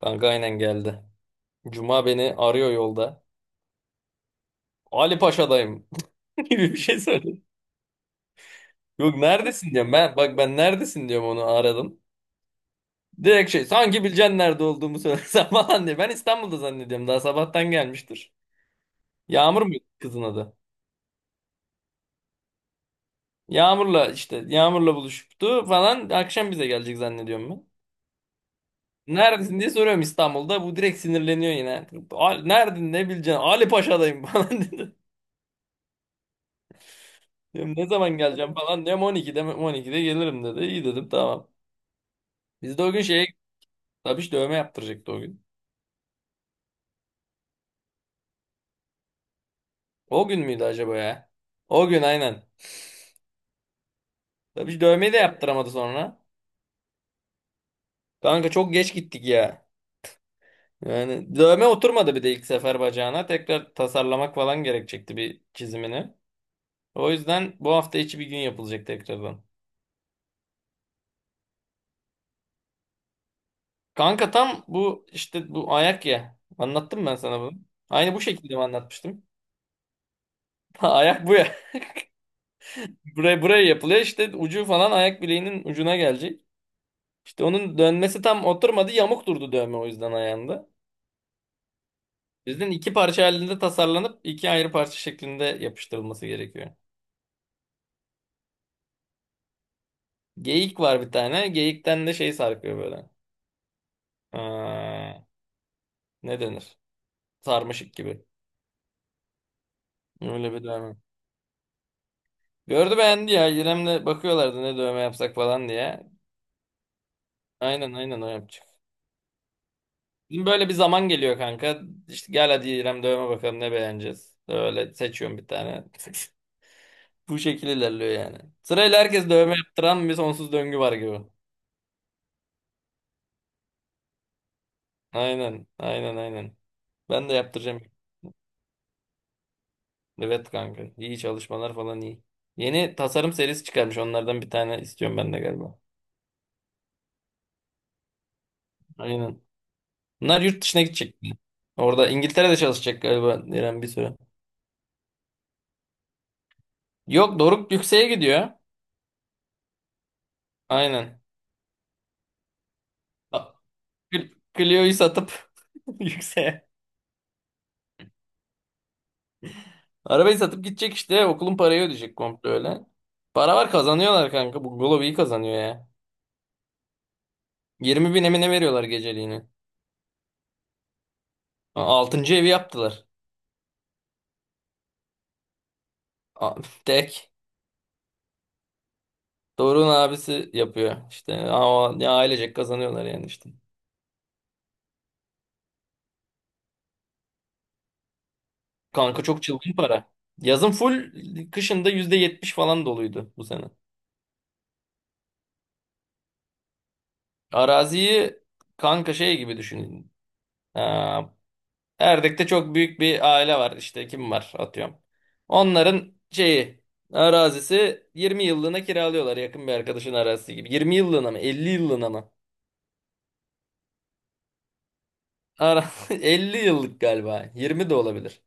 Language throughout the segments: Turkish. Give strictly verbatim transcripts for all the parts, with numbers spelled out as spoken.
Kanka aynen geldi. Cuma beni arıyor yolda. Ali Paşa'dayım gibi bir şey söyledi. Yok, neredesin diyorum ben. Bak ben neredesin diyorum, onu aradım. Direkt şey, sanki bileceksin nerede olduğumu söylesem falan diye. Ben İstanbul'da zannediyorum, daha sabahtan gelmiştir. Yağmur mu kızın adı? Yağmur'la işte, Yağmur'la buluştu falan, akşam bize gelecek zannediyorum ben. Neredesin diye soruyorum, İstanbul'da. Bu direkt sinirleniyor yine. "Al- Nerede ne bileceksin? Ali Paşa'dayım" falan dedi. Diyorum ne zaman geleceğim falan. Diyorum on ikide mi? on ikide gelirim dedi. İyi dedim, tamam. Biz de o gün şeye, Tabiş dövme yaptıracaktı o gün. O gün müydü acaba ya? O gün aynen. Tabiş dövmeyi de yaptıramadı sonra. Kanka çok geç gittik ya. Yani dövme oturmadı, bir de ilk sefer bacağına. Tekrar tasarlamak falan gerekecekti, bir çizimini. O yüzden bu hafta içi bir gün yapılacak tekrardan. Kanka tam bu işte, bu ayak ya. Anlattım ben sana bunu. Aynı bu şekilde mi anlatmıştım? Ayak bu. Buraya, buraya yapılıyor işte, ucu falan ayak bileğinin ucuna gelecek. İşte onun dönmesi tam oturmadı, yamuk durdu dövme o yüzden ayağında. Bizden iki parça halinde tasarlanıp iki ayrı parça şeklinde yapıştırılması gerekiyor. Geyik var bir tane. Geyikten de şey sarkıyor böyle. Aa, ne denir? Sarmaşık gibi. Öyle bir dövme. Gördü beğendi ya. İrem'le bakıyorlardı ne dövme yapsak falan diye. Aynen, aynen, o yapacak. Bizim böyle bir zaman geliyor kanka. İşte gel hadi İrem, dövme bakalım ne beğeneceğiz. Böyle seçiyorum bir tane. Bu şekilde ilerliyor yani. Sırayla herkes dövme yaptıran bir sonsuz döngü var gibi. Aynen, aynen, aynen. Ben de yaptıracağım. Evet kanka. İyi çalışmalar falan, iyi. Yeni tasarım serisi çıkarmış. Onlardan bir tane istiyorum ben de galiba. Aynen. Bunlar yurt dışına gidecek. Orada İngiltere'de çalışacak galiba Diren bir süre. Yok, Doruk yükseğe gidiyor. Aynen. A- Cl- Clio'yu satıp yükseğe. Arabayı satıp gidecek işte. Okulun parayı ödeyecek komple öyle. Para var, kazanıyorlar kanka. Bu Golo iyi kazanıyor ya. Yirmi bin emine veriyorlar geceliğini. A- Altıncı evi yaptılar. A- Tek. Doruk'un abisi yapıyor. İşte ama ya ailecek kazanıyorlar yani işte. Kanka çok çılgın para. Yazın full, kışında yüzde yetmiş falan doluydu bu sene. Araziyi kanka şey gibi düşünün. Aa, Erdek'te çok büyük bir aile var işte, kim var atıyorum. Onların şeyi, arazisi, yirmi yıllığına kiralıyorlar, yakın bir arkadaşın arazisi gibi. Yirmi yıllığına mı, elli yıllığına mı? Ara elli yıllık galiba. yirmi de olabilir.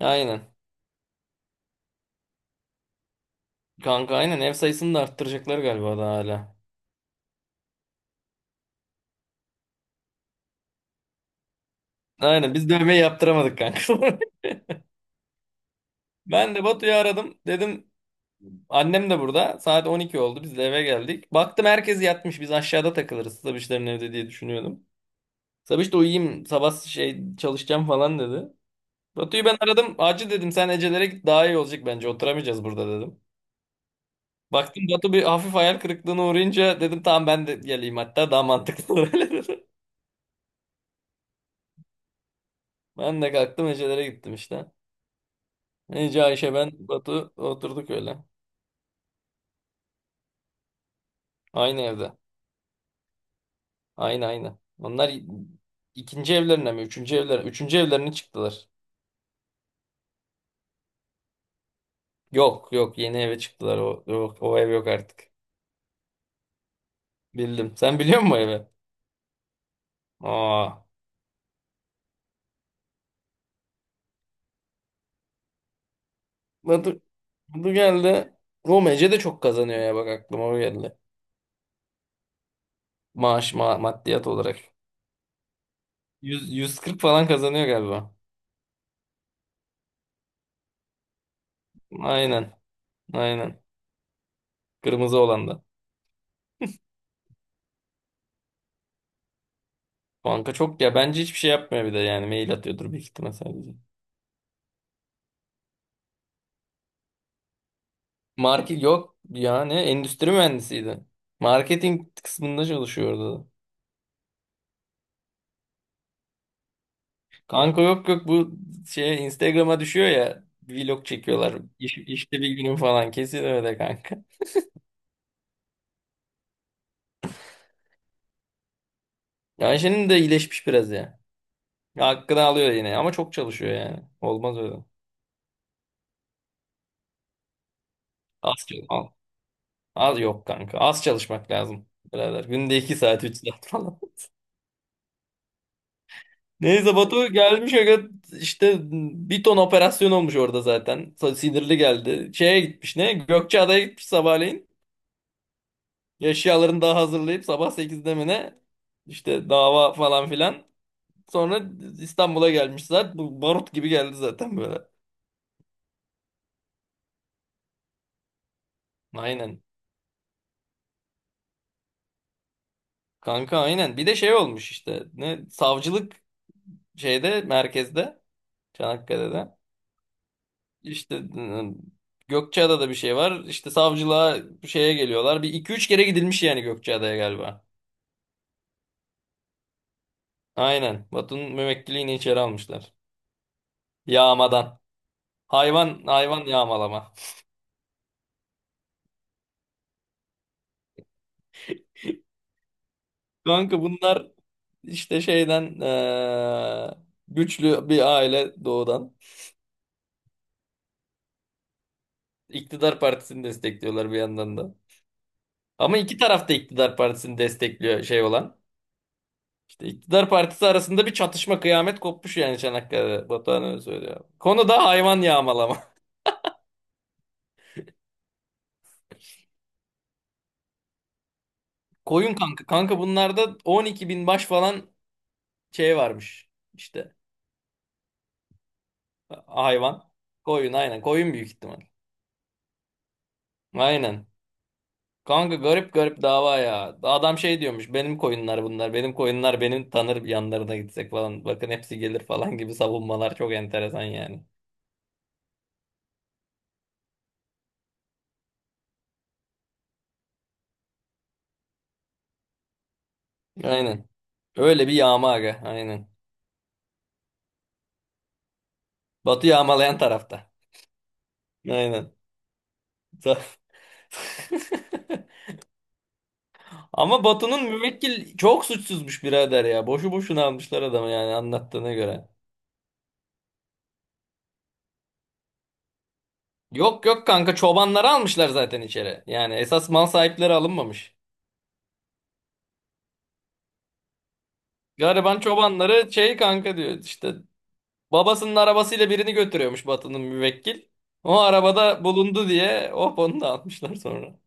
Aynen. Kanka aynen, ev sayısını da arttıracaklar galiba daha hala. Aynen, biz dövmeyi yaptıramadık kanka. Ben de Batu'yu aradım. Dedim annem de burada. Saat on iki oldu. Biz de eve geldik. Baktım herkes yatmış. Biz aşağıda takılırız, Sabişlerin evde diye düşünüyordum. Sabiş de uyuyayım, sabah şey çalışacağım falan dedi. Batu'yu ben aradım. Acil dedim, sen Ecelere git, daha iyi olacak bence. Oturamayacağız burada dedim. Baktım Batu bir hafif hayal kırıklığına uğrayınca dedim tamam ben de geleyim, hatta daha mantıklı olur öyle dedim. Ben de kalktım Ece'lere gittim işte. Ece, Ayşe, ben, Batu oturduk öyle. Aynı evde. Aynı aynı. Onlar ikinci evlerine mi? Üçüncü evlerine. Üçüncü evlerine çıktılar. Yok yok, yeni eve çıktılar. O, yok, o ev yok artık. Bildim. Sen biliyor musun o evi? Aa. Batu, Batu geldi. Oğlum, Ece de çok kazanıyor ya, bak aklıma o geldi. Maaş, ma maddiyat olarak. yüz yüz kırk falan kazanıyor galiba. Aynen. Aynen. Kırmızı olan da. Banka çok ya, bence hiçbir şey yapmıyor bir de, yani mail atıyordur büyük ihtimal sadece. Market yok, yani endüstri mühendisiydi. Marketing kısmında çalışıyordu. Kanka yok yok, bu şey Instagram'a düşüyor ya, vlog çekiyorlar. İş, işte bir günün falan, kesin öyle kanka. Ayşe'nin de iyileşmiş biraz ya. Hakkını alıyor yine ama çok çalışıyor yani. Olmaz öyle. Az, çal- al- az yok kanka. Az çalışmak lazım birader. Günde iki saat üç saat falan. Neyse, Batu gelmiş aga, işte bir ton operasyon olmuş orada zaten. So- Sinirli geldi. Şeye gitmiş, ne? Gökçeada'ya gitmiş sabahleyin. Eşyalarını daha hazırlayıp sabah sekizde mi ne? İşte dava falan filan. Sonra İstanbul'a gelmiş zaten. Bu barut gibi geldi zaten böyle. Aynen. Kanka aynen. Bir de şey olmuş işte. Ne? Savcılık şeyde, merkezde. Çanakkale'de. İşte ıı, Gökçeada'da bir şey var. İşte savcılığa bir şeye geliyorlar. Bir iki üç kere gidilmiş yani Gökçeada'ya galiba. Aynen. Batu'nun müvekkiliğini içeri almışlar. Yağmadan. Hayvan hayvan yağmalama. Kanka bunlar işte şeyden eee, güçlü bir aile doğudan. İktidar partisini destekliyorlar bir yandan da. Ama iki taraf da iktidar partisini destekliyor şey olan. İşte iktidar partisi arasında bir çatışma, kıyamet kopmuş yani Çanakkale'de. Batuhan öyle söylüyor. Konu da hayvan yağmalama. Koyun kanka. Kanka bunlarda on iki bin baş falan şey varmış. İşte hayvan. Koyun aynen. Koyun büyük ihtimal. Aynen. Kanka garip garip dava ya. Adam şey diyormuş. Benim koyunlar bunlar. Benim koyunlar, benim tanır, yanlarına gitsek falan, bakın hepsi gelir falan gibi savunmalar çok enteresan yani. Aynen. Öyle bir yağma aga. Aynen. Batı yağmalayan tarafta. Aynen. Sa- Ama Batu'nun müvekkil çok suçsuzmuş birader ya. Boşu boşuna almışlar adamı yani anlattığına göre. Yok yok kanka, çobanları almışlar zaten içeri. Yani esas mal sahipleri alınmamış. Gariban çobanları, şey kanka, diyor işte babasının arabasıyla birini götürüyormuş Batı'nın müvekkil. O arabada bulundu diye hop onu da atmışlar sonra.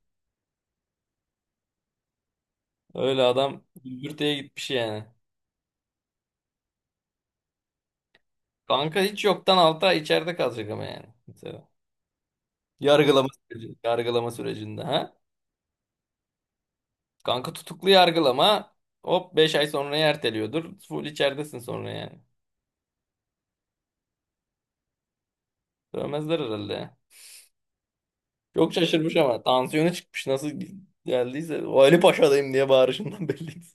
Öyle adam gümbürtüye gitmiş yani. Kanka hiç yoktan alta, içeride kalacak ama yani. Mesela. Yargılama süreci, yargılama sürecinde ha. Kanka tutuklu yargılama, hop beş ay sonra erteliyordur. Full içeridesin sonra yani. Dövmezler herhalde. Çok şaşırmış, ama tansiyonu çıkmış nasıl geldiyse. O Ali Paşa'dayım diye bağırışından belliydi.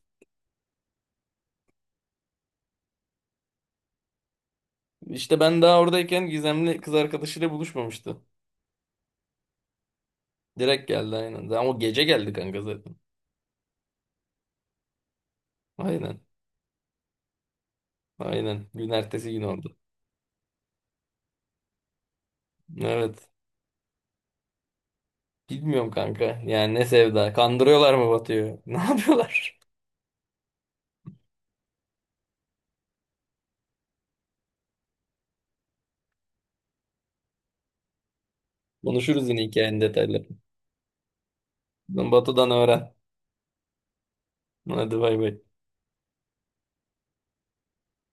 İşte ben daha oradayken gizemli kız arkadaşıyla buluşmamıştı. Direkt geldi aynen. Ama o gece geldi kanka zaten. Aynen. Aynen. Gün ertesi gün oldu. Evet. Bilmiyorum kanka. Yani ne sevda. Kandırıyorlar mı Batu'yu? Ne yapıyorlar? Konuşuruz yine hikayenin detaylarını. Batu'dan öğren. Hadi bay bay.